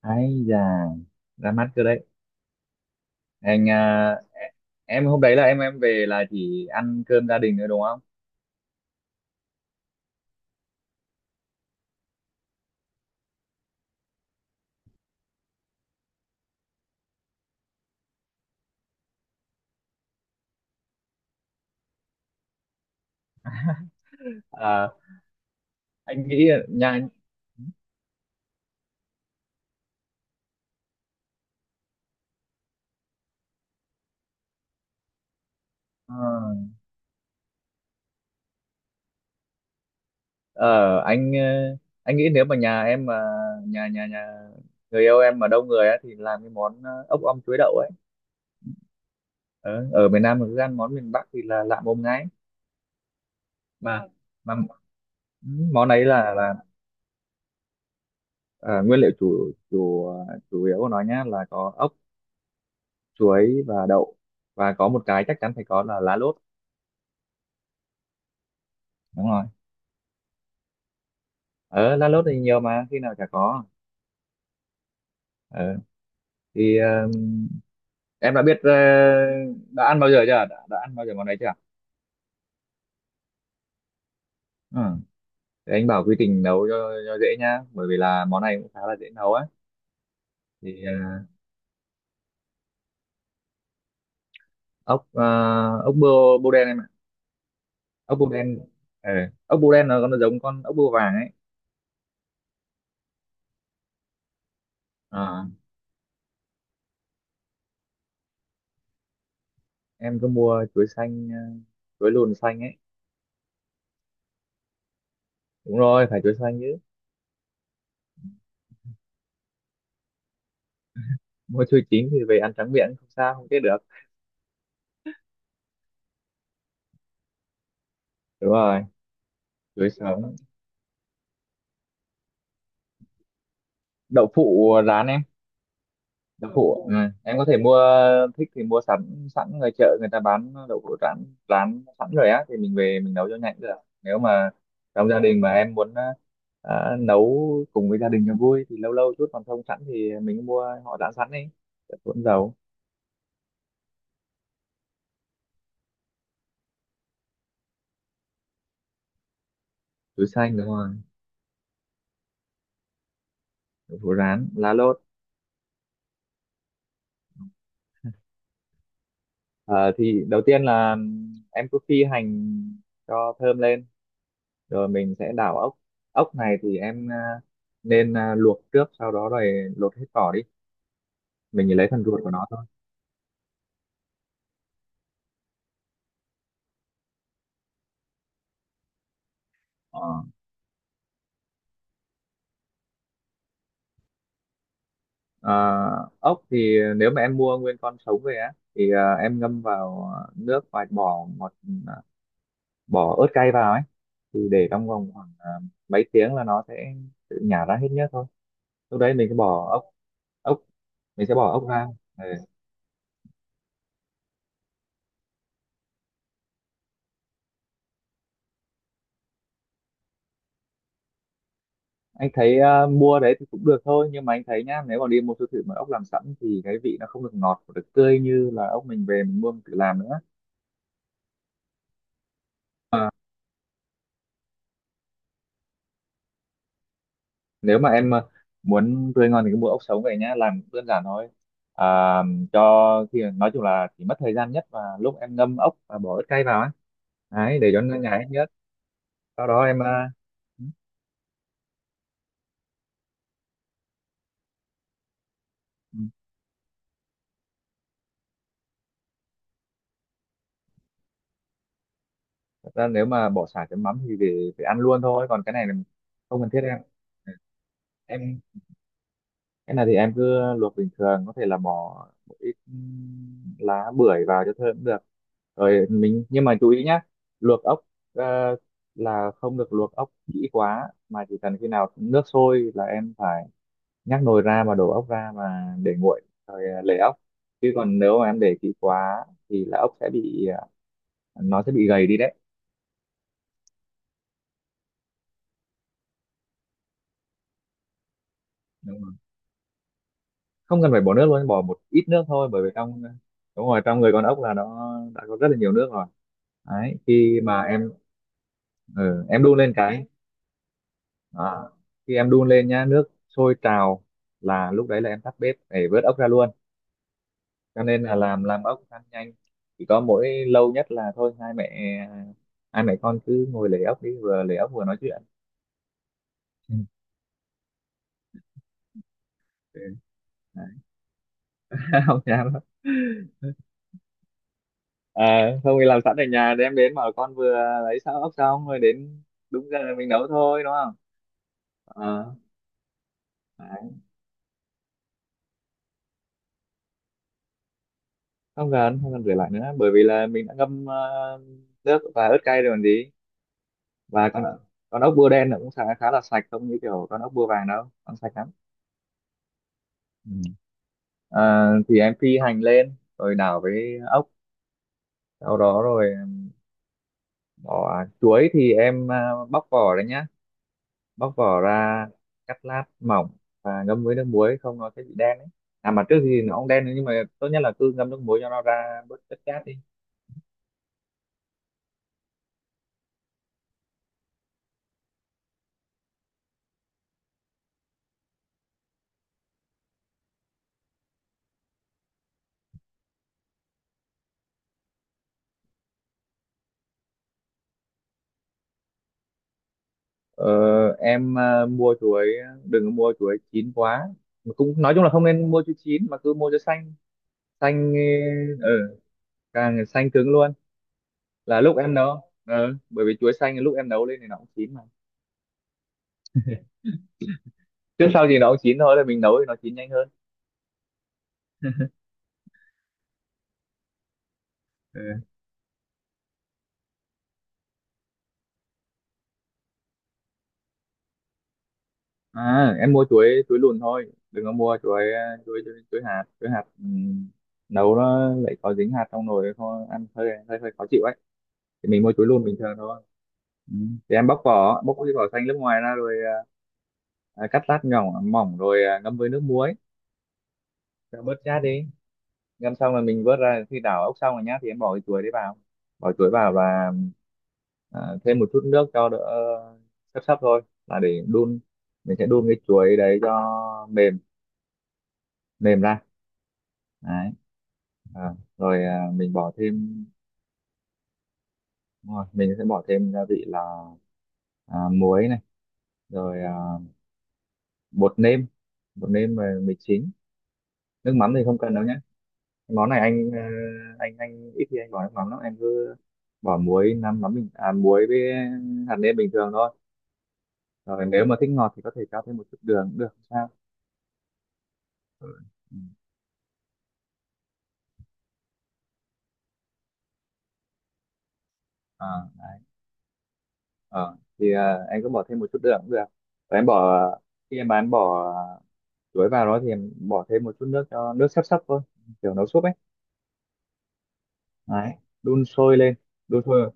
Ấy già, ra mắt cơ đấy! Anh à, em hôm đấy là em về là chỉ ăn cơm gia đình nữa đúng không? À, anh nghĩ là nhà ờ ờ, anh anh nghĩ nếu mà nhà em mà nhà nhà nhà người yêu em mà đông người á thì làm cái món ốc om chuối đậu ấy. Ờ, ở miền Nam mà cứ ăn món miền Bắc thì là lạ mồm ngay. Mà mà món ấy là nguyên liệu chủ chủ chủ yếu của nó nhá là có ốc, chuối và đậu, và có một cái chắc chắn phải có là lá lốt. Đúng rồi, ở La Lốt thì nhiều mà khi nào chả có. ờ thì em đã biết đã ăn bao giờ chưa, đã ăn bao giờ món này chưa? Ừ. Thì anh bảo quy trình nấu cho dễ nhá, bởi vì là món này cũng khá là dễ nấu á. Thì ốc ờ, ốc bươu bươu đen em ạ. Ốc bươu đen. ờ, Ốc bươu đen nó giống con ốc bươu vàng ấy. Ờ, em cứ mua chuối xanh, chuối lùn xanh ấy. Đúng rồi, phải chuối xanh chứ. Mua chuối chín thì về ăn trắng miệng không sao, không chết được. Đúng rồi, chuối sống. Đậu phụ rán em. Đậu phụ, ừ. Em có thể mua, thích thì mua sẵn sẵn ngoài chợ người ta bán đậu phụ rán, rán sẵn rồi á thì mình về mình nấu cho nhanh cũng được. Nếu mà trong gia đình mà em muốn nấu cùng với gia đình cho vui thì lâu lâu chút, còn không sẵn thì mình mua họ rán sẵn đi. Đậu hũ dầu. Chuối xanh đúng rồi. Đậu phụ rán, lá lốt. Ờ, thì đầu tiên là em cứ phi hành cho thơm lên rồi mình sẽ đảo ốc. Ốc này thì em nên luộc trước, sau đó rồi lột hết vỏ đi, mình chỉ lấy phần ruột của nó thôi. Ờ. Ờ, ốc thì nếu mà em mua nguyên con sống về á thì em ngâm vào nước và bỏ ớt cay vào ấy, thì để trong vòng khoảng mấy tiếng là nó sẽ tự nhả ra hết nước thôi. Lúc đấy mình sẽ ốc bỏ ốc ra. Ừ. Anh thấy mua đấy thì cũng được thôi, nhưng mà anh thấy nhá, nếu mà đi mua siêu thị mà ốc làm sẵn thì cái vị nó không được ngọt và được tươi như là ốc mình về mình mua mình tự làm nữa. À, nếu mà em muốn tươi ngon thì cứ mua ốc sống về nhá, làm cũng đơn giản thôi. À, cho thì nói chung là chỉ mất thời gian nhất và lúc em ngâm ốc và bỏ ớt cay vào ấy, đấy, để cho nó nhái nhất. Sau đó em ừ, ừ. Thật ra nếu mà bỏ sả chấm mắm thì để ăn luôn thôi, còn cái này là không cần thiết em. Ừ. Em, cái này thì em cứ luộc bình thường, có thể là bỏ một ít lá bưởi vào cho thơm cũng được. Rồi nhưng mà chú ý nhá, luộc ốc ờ, là không được luộc ốc kỹ quá, mà chỉ cần khi nào nước sôi là em phải nhắc nồi ra mà đổ ốc ra mà để nguội, rồi lấy ốc. Chứ còn nếu mà em để kỹ quá thì là ốc sẽ bị nó sẽ bị gầy đi đấy. Đúng rồi. Không cần phải bỏ nước luôn, bỏ một ít nước thôi, bởi vì trong. Đúng rồi, trong người con ốc là nó đã có rất là nhiều nước rồi. Đấy, khi mà em đun lên cái đó. Khi em đun lên nhá, nước sôi trào là lúc đấy là em tắt bếp để vớt ốc ra luôn. Cho nên là làm ốc ăn nhanh, chỉ có mỗi lâu nhất là thôi, hai mẹ con cứ ngồi lấy ốc đi, vừa lấy ốc vừa nói chuyện. Ừ. Ừ. Đấy. Không dám đâu. À, không thì làm sẵn ở nhà đem đến, mà con vừa lấy xong ốc xong rồi đến đúng giờ mình nấu thôi đúng không? Ờ, Đấy. Không cần rửa lại nữa bởi vì là mình đã ngâm nước và ớt cay rồi còn gì. Và con ốc bươu đen nó cũng khá khá là sạch, không như kiểu con ốc bươu vàng đâu ăn sạch lắm. Ừ. À, thì em phi hành lên rồi đảo với ốc, sau đó rồi bỏ chuối thì em bóc vỏ đấy nhá, bóc vỏ ra, cắt lát mỏng và ngâm với nước muối, không nó sẽ bị đen đấy. À mà trước thì nó cũng đen, nhưng mà tốt nhất là cứ ngâm nước muối cho nó ra bớt chất cát đi. ờ, em mua chuối, đừng có mua chuối chín quá. Mà cũng nói chung là không nên mua chuối chín mà cứ mua chuối xanh. Xanh, ờ, càng xanh cứng luôn. Là lúc em nấu bởi vì chuối xanh lúc em nấu lên thì nó cũng chín mà, trước sau gì nó cũng chín thôi, là mình nấu thì nó chín nhanh hơn. Ừ. À em mua chuối chuối lùn thôi, đừng có mua chuối hạt, nấu nó lại có dính hạt trong nồi thôi, ăn hơi hơi hơi khó chịu ấy. Thì mình mua chuối lùn bình thường thôi. Ừ. Thì em bóc cái vỏ xanh lớp ngoài ra rồi cắt lát nhỏ mỏng rồi ngâm với nước muối, cho bớt chát đi. Ngâm xong là mình vớt ra, khi đảo ốc xong rồi nhá thì em bỏ cái chuối đấy vào, bỏ chuối vào và thêm một chút nước cho đỡ, sấp sấp thôi, là để đun, mình sẽ đun cái chuối đấy cho mềm mềm ra đấy. Rồi mình bỏ thêm. Đúng rồi, mình sẽ bỏ thêm gia vị là muối này, rồi bột nêm, bột nêm và mì chính. Nước mắm thì không cần đâu nhé. Món này anh ít khi anh bỏ nước mắm lắm, em cứ bỏ muối nắm mắm bình muối với hạt nêm bình thường thôi. Rồi nếu mà thích ngọt thì có thể cho thêm một chút đường cũng được không sao. Ừ. à, Ờ, thì em cứ bỏ thêm một chút đường cũng được. Và em bỏ khi em bán bỏ chuối vào đó thì em bỏ thêm một chút nước cho nước sắp sắp thôi, kiểu nấu súp ấy. Đấy, đun sôi lên. Đun sôi.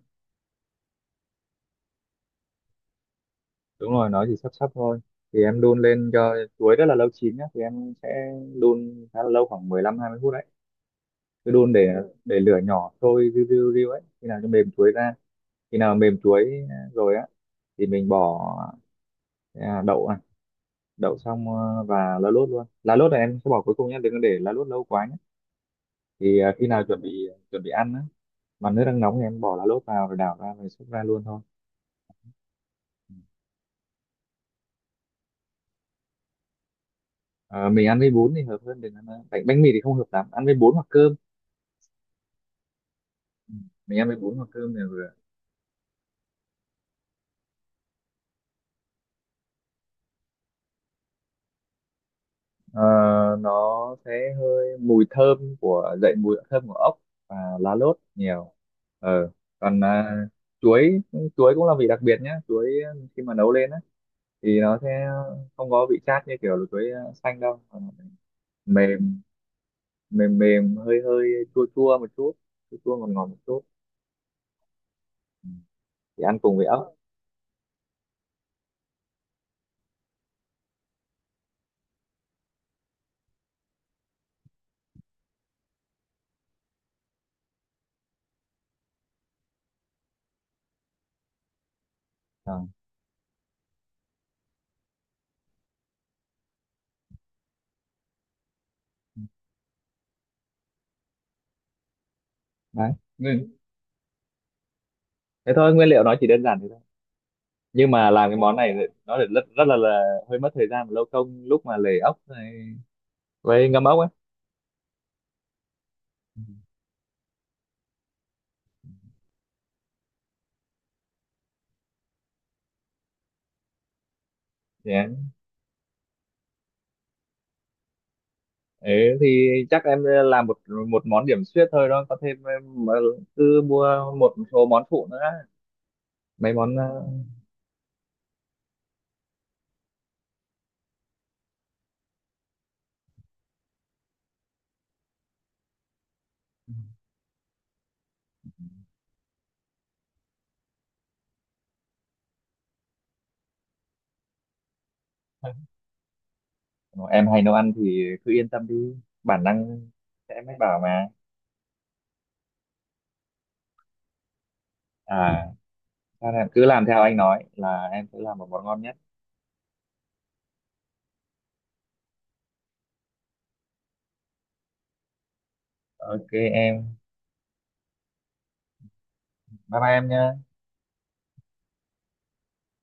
Đúng rồi, nó chỉ sắp sắp thôi. Thì em đun lên cho chuối rất là lâu chín nhá, thì em sẽ đun khá là lâu khoảng 15-20 phút đấy. Cứ đun, để lửa nhỏ sôi riu riu riu ấy, khi nào cho mềm chuối ra. Khi nào mềm chuối rồi á thì mình bỏ đậu này, đậu xong và lá lốt luôn. Lá lốt này em sẽ bỏ cuối cùng nhé, đừng có để lá lốt lâu quá. Thì khi nào chuẩn bị ăn á, mà nước đang nóng thì em bỏ lá lốt vào rồi đảo ra rồi xúc ra luôn thôi. Ừ. Ờ, mình ăn với bún thì hợp hơn, đừng ăn bánh bánh mì thì không hợp lắm, ăn với bún hoặc cơm. Ừ. Mình ăn với bún hoặc cơm thì vừa. Ờ, nó sẽ hơi mùi thơm của dậy, mùi thơm của ốc và lá lốt nhiều. Ờ. Còn chuối chuối cũng là vị đặc biệt nhá, chuối khi mà nấu lên á, thì nó sẽ không có vị chát như kiểu là chuối xanh đâu. Mềm mềm mềm hơi hơi chua chua một chút, chua chua ngọt ngọt một chút. Ừ. Thì ăn cùng với ốc. Ờ. Đấy. Nguyên- Thế thôi, nguyên liệu nó chỉ đơn giản thế thôi, nhưng mà làm cái món này thì nó lại rất rất là hơi mất thời gian và lâu công, lúc mà lề ốc này với ngâm ốc ấy. Ừ. Yeah. Đấy, thì chắc em làm một một món điểm xuyết thôi đó, có thêm em, mà cứ mua một số món phụ nữa, mấy món em hay nấu ăn thì cứ yên tâm đi, bản năng sẽ mách bảo mà. À. Nên em cứ làm theo anh nói là em sẽ làm một món ngon nhất. Ok em. Bye bye em nha.